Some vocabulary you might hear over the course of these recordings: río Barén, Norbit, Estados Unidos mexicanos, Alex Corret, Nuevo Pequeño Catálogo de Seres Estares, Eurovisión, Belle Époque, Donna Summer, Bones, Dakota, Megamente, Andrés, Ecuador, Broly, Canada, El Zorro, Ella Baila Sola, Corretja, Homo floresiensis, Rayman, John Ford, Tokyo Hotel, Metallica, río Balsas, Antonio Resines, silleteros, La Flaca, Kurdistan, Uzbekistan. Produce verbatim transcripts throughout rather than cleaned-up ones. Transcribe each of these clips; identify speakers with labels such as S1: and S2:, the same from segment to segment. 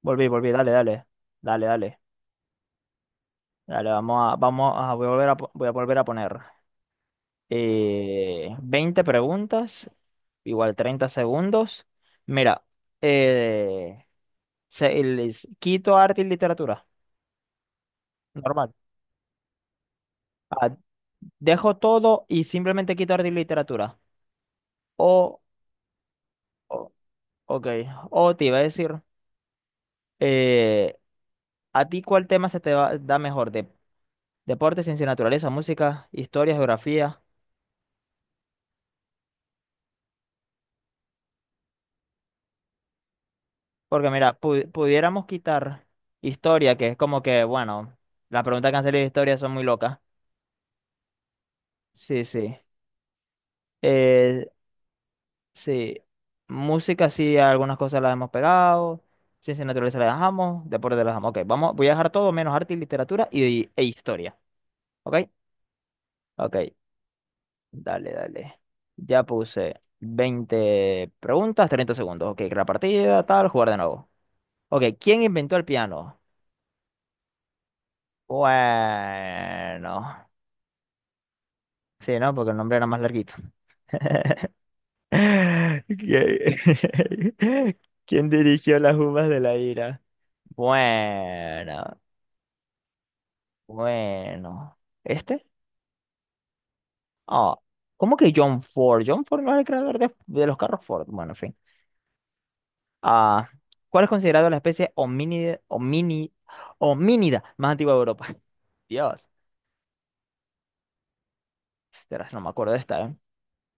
S1: Volví, volví, dale, dale. Dale, dale. Dale, vamos a, vamos a, voy a volver a, po- voy a volver a poner. eh, veinte preguntas, igual treinta segundos. Mira, eh, se- les quito arte y literatura, normal. Ah, dejo todo y simplemente quito arte y literatura. O, o- ok, o te iba a decir, eh, ¿a ti cuál tema se te va- da mejor? De, deporte, ciencia y naturaleza, música, historia, geografía. Porque mira, pu- pudiéramos quitar historia, que es como que, bueno, las preguntas que han salido de historia son muy locas. Sí, sí. Eh, sí. Música, sí, algunas cosas las hemos pegado. Ciencia y naturaleza las dejamos. Deporte las dejamos. Ok, vamos, voy a dejar todo menos arte y literatura y, e historia. ¿Ok? Ok, dale, dale. Ya puse veinte preguntas, treinta segundos. Ok, crear partida, tal, jugar de nuevo. Ok, ¿quién inventó el piano? Bueno. Sí, ¿no? Porque el nombre era más larguito. ¿Qui- ¿Quién dirigió las uvas de la ira? Bueno, bueno. ¿Este? Ah, ¿cómo que John Ford? John Ford no era el creador de, de los carros Ford. Bueno, en fin. Ah, ¿cuál es considerado la especie homínida, homini- homínida más antigua de Europa? Dios. Ostras, no me acuerdo de esta, ¿eh?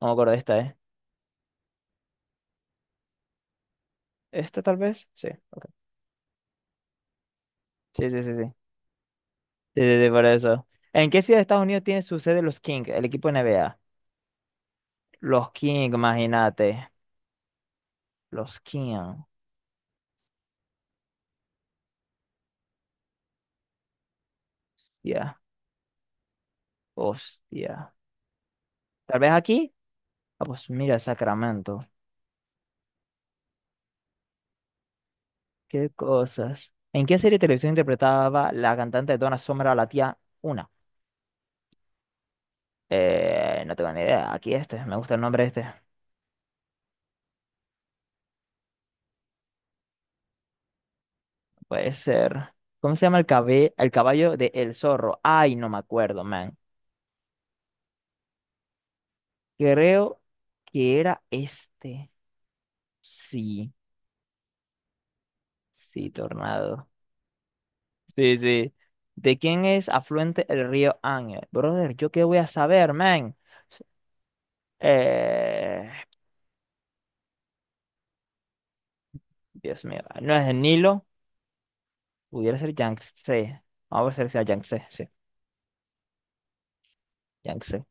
S1: No me acuerdo de esta, ¿eh? ¿Esta tal vez? Sí, ok. Sí, sí, sí, sí. Sí, sí, sí, por eso. ¿En qué ciudad de Estados Unidos tiene su sede los Kings, el equipo N B A? Los Kings, imagínate. Los Kings. Ya. Hostia. Tal vez aquí. Ah, pues mira, Sacramento. Qué cosas. ¿En qué serie de televisión interpretaba la cantante Donna Summer a la tía Una? Eh, no tengo ni idea. Aquí este. Me gusta el nombre este. Puede ser. ¿Cómo se llama el, cabe- el caballo de El Zorro? Ay, no me acuerdo, man. Creo que era este. Sí. Sí, tornado. Sí, sí. ¿De quién es afluente el río Ángel? Brother, ¿yo qué voy a saber, man? Eh, Dios mío, no es el Nilo, pudiera ser Yangtze. Vamos a ver si sea Yangtze, sí, Yangtze.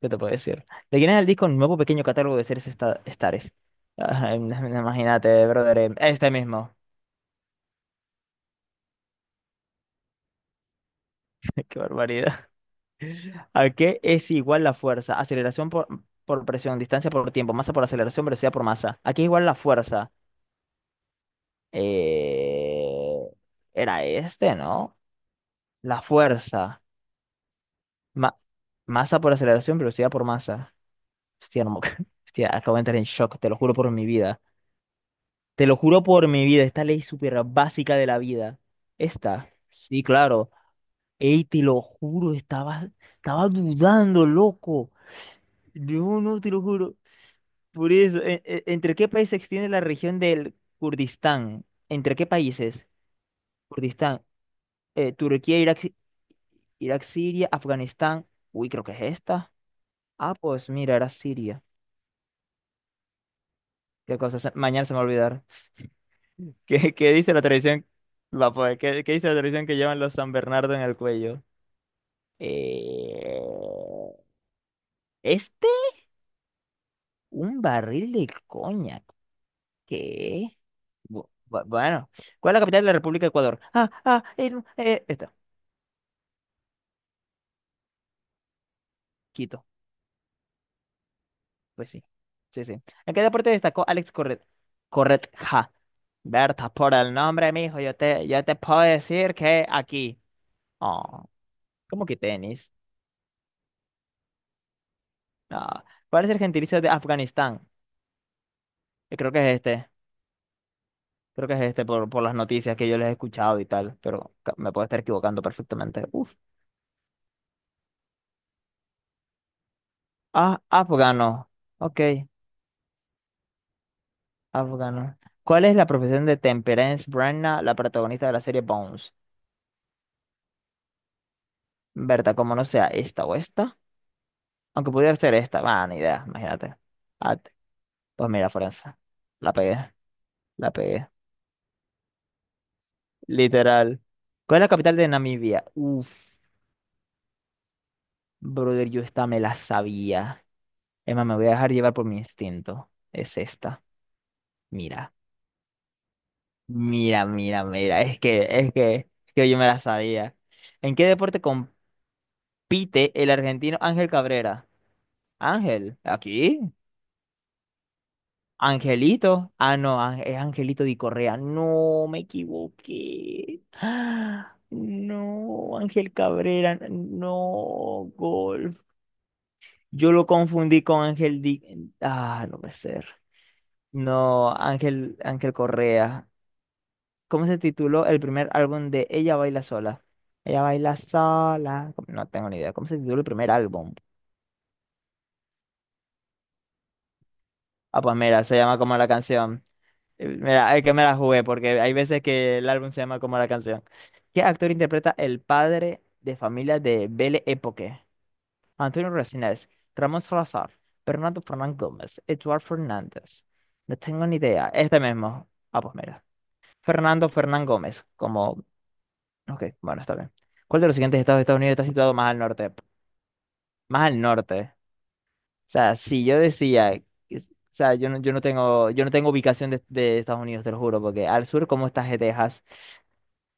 S1: ¿Qué te puedo decir? ¿De quién es el disco Nuevo Pequeño Catálogo de Seres esta- Estares? Ay, no- Imagínate, brother, em, este mismo. Qué barbaridad. ¿A qué es igual la fuerza? Aceleración por, por presión, distancia por tiempo, masa por aceleración, velocidad por masa. ¿A qué es igual la fuerza? Eh, era este, ¿no? La fuerza. Ma- masa por aceleración, velocidad por masa. Hostia, no me acuerdo. Hostia, acabo de entrar en shock, te lo juro por mi vida. Te lo juro por mi vida, esta ley súper básica de la vida. Esta, sí, claro. Ey, te lo juro, estaba, estaba dudando, loco. No, no, te lo juro. Por eso, e- e- ¿entre qué países se extiende la región del Kurdistán? ¿Entre qué países? Kurdistán, eh, Turquía, Irak Irak, Siria, Afganistán. Uy, creo que es esta. Ah, pues mira, era Siria. Qué cosa, se- mañana se me va a olvidar. ¿Qué, qué dice la tradición? Va, pues, ¿qué, qué dice la tradición que llevan los San Bernardo en el cuello? Eh, ¿Este? ¿Un barril de coñac? ¿Qué? Bu- bu- bueno, ¿cuál es la capital de la República de Ecuador? Ah, ah, eh, no, eh, esta, Quito. Pues sí, sí, sí. ¿En qué deporte destacó Alex Corret? Corretja. Berta, por el nombre, mijo, yo te, yo te puedo decir que aquí. Oh, ¿cómo que tenis? No. ¿Cuál es el gentilicio de Afganistán? Yo creo que es este. Creo que es este por, por las noticias que yo les he escuchado y tal, pero ca- me puedo estar equivocando perfectamente. Uf. Ah, afgano. Ok, afgano. ¿Cuál es la profesión de Temperance Brenna, la protagonista de la serie Bones? Berta, como no sea esta o esta. Aunque pudiera ser esta. Va, ni idea, imagínate. Ah, te- pues mira, Francia. La pegué, la pegué. Literal. ¿Cuál es la capital de Namibia? Uf, brother, yo esta me la sabía. Emma, me voy a dejar llevar por mi instinto. Es esta. Mira, mira, mira, mira. Es que, es que, es que yo me la sabía. ¿En qué deporte compite el argentino Ángel Cabrera? Ángel, ¿aquí? Angelito. Ah, no, Ang- es Angelito Di Correa. No, me equivoqué. Ah, no, Ángel Cabrera. No, gol. Yo lo confundí con Ángel Di. Ah, no puede ser. No, Ángel, Ángel Correa. ¿Cómo se tituló el primer álbum de Ella Baila Sola? Ella Baila Sola. No tengo ni idea. ¿Cómo se tituló el primer álbum? Ah, pues mira, se llama como la canción. Eh, me la- es que me la jugué, porque hay veces que el álbum se llama como la canción. ¿Qué actor interpreta el padre de familia de Belle Époque? Antonio Resines, Ramón Salazar, Fernando Fernán Gómez, Eduard Fernández. No tengo ni idea. Este mismo. Ah, pues mira. Fernando Fernán Gómez, como... Ok, bueno, está bien. ¿Cuál de los siguientes estados de Estados Unidos está situado más al norte? Más al norte. O sea, si yo decía... que- O sea, yo no, yo no tengo, yo no tengo ubicación de, de Estados Unidos, te lo juro, porque al sur, ¿cómo está Texas?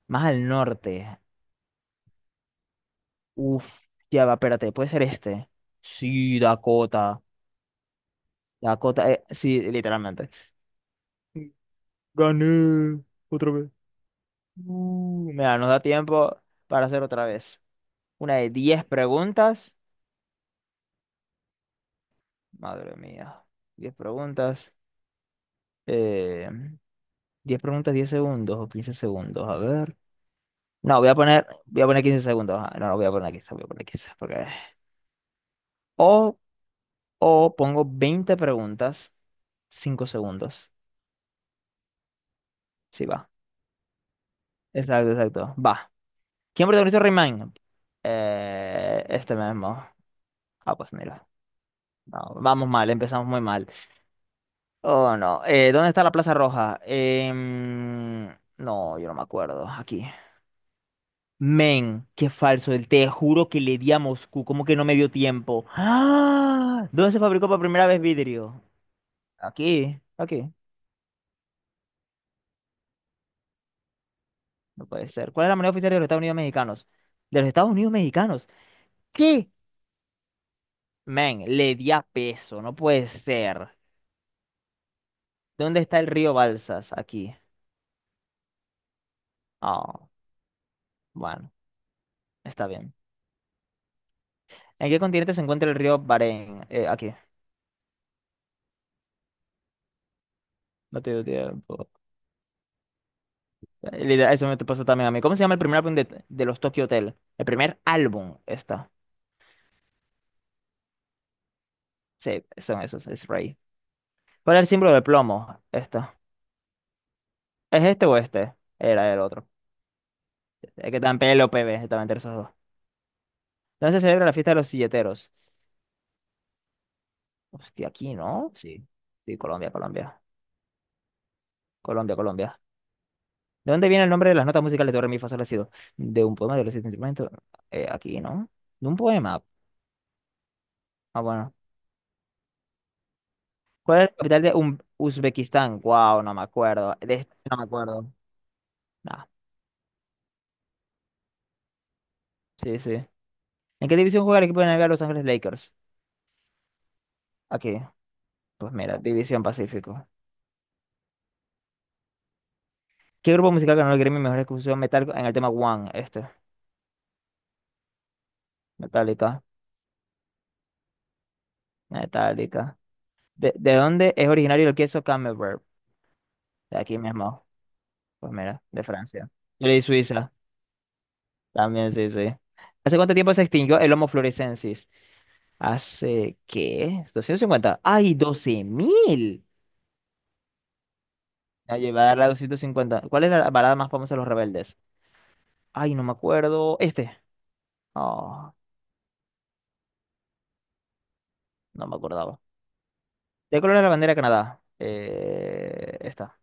S1: Más al norte. Uf, ya va, espérate, puede ser este. Sí, Dakota. Dakota, eh, sí, literalmente. Gané otra vez. Uh, mira, nos da tiempo para hacer otra vez. Una de diez preguntas. Madre mía. Diez preguntas. Eh, diez preguntas, diez segundos o quince segundos. A ver. No, voy a poner, voy a poner quince segundos. Ah, no, no, voy a poner quince, voy a poner quince. Porque... O, o pongo veinte preguntas, cinco segundos. Sí, va. Exacto, exacto. Va. ¿Quién protagonizó Rayman? Eh, este mismo. Ah, pues mira. No, vamos mal, empezamos muy mal. Oh, no. Eh, ¿dónde está la Plaza Roja? Em, no, yo no me acuerdo. Aquí. Men, qué falso. el- Te juro que le di a Moscú. ¿Cómo que no me dio tiempo? ¡Ah! ¿Dónde se fabricó por primera vez vidrio? Aquí, aquí. No puede ser. ¿Cuál es la moneda oficial de los Estados Unidos mexicanos? De los Estados Unidos mexicanos. ¿Qué? Men, le di a peso, no puede ser. ¿Dónde está el río Balsas? Aquí. Ah, bueno, está bien. ¿En qué continente se encuentra el río Barén? Eh, aquí. No te dio tiempo. Eh, literal, eso me te pasó también a mí. ¿Cómo se llama el primer álbum de, de los Tokyo Hotel? El primer álbum, esta. Sí, son esos, es Ray. ¿Cuál es el símbolo de plomo? Esta. ¿Es este o este? Era el otro. Es que tan pelo, P B, estaban entre esos dos. ¿Dónde se celebra la fiesta de los silleteros? Hostia, aquí, ¿no? Sí. Sí, Colombia, Colombia. Colombia, Colombia. ¿De dónde viene el nombre de las notas musicales de Do, re, mi, fa, sol, la, si, do? ¿De un poema de los siete instrumentos? Eh, aquí, ¿no? ¿De un poema? Ah, bueno. ¿Cuál es la capital de Um- Uzbekistán? Wow, no me acuerdo. De este no me acuerdo. Nah, sí, sí. ¿En qué división juega el equipo de N B A Los Ángeles Lakers? Aquí. Pues mira, División Pacífico. ¿Qué grupo musical ganó el Grammy Mejor Ejecución Metal en el tema One? Este. Metallica. Metallica. ¿De, de dónde es originario el queso Camembert? De aquí mismo. Pues mira, de Francia. Yo le di Suiza. También, sí, sí. ¿Hace cuánto tiempo se extinguió el Homo floresiensis? ¿Hace qué? Doscientos cincuenta. ¡Ay, doce mil! La llevada a la doscientos cincuenta. ¿Cuál es la parada más famosa de los rebeldes? Ay, no me acuerdo. Este. Oh, no me acordaba. ¿De color es la bandera de Canadá? Eh, esta.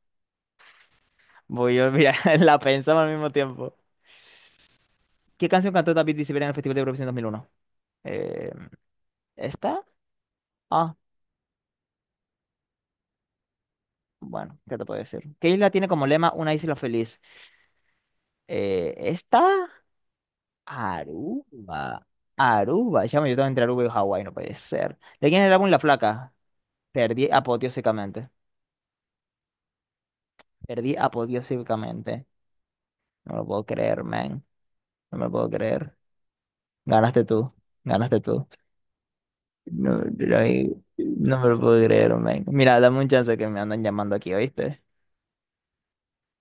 S1: Voy a olvidar. La pensamos al mismo tiempo. ¿Qué canción cantó David Bisbal en el Festival de Eurovisión dos mil uno? Eh, ¿esta? Ah, bueno, ¿qué te puedo decir? ¿Qué isla tiene como lema una isla feliz? Eh, ¿esta? Aruba. Aruba. Chamo, yo tengo entre Aruba y Hawái, no puede ser. ¿De quién es el álbum La Flaca? Perdí apoteósicamente. Perdí apoteósicamente. No lo puedo creer, man. No me lo puedo creer. Ganaste tú. Ganaste tú. No, no, no me lo puedo creer, man. Mira, dame un chance que me andan llamando aquí, ¿oíste?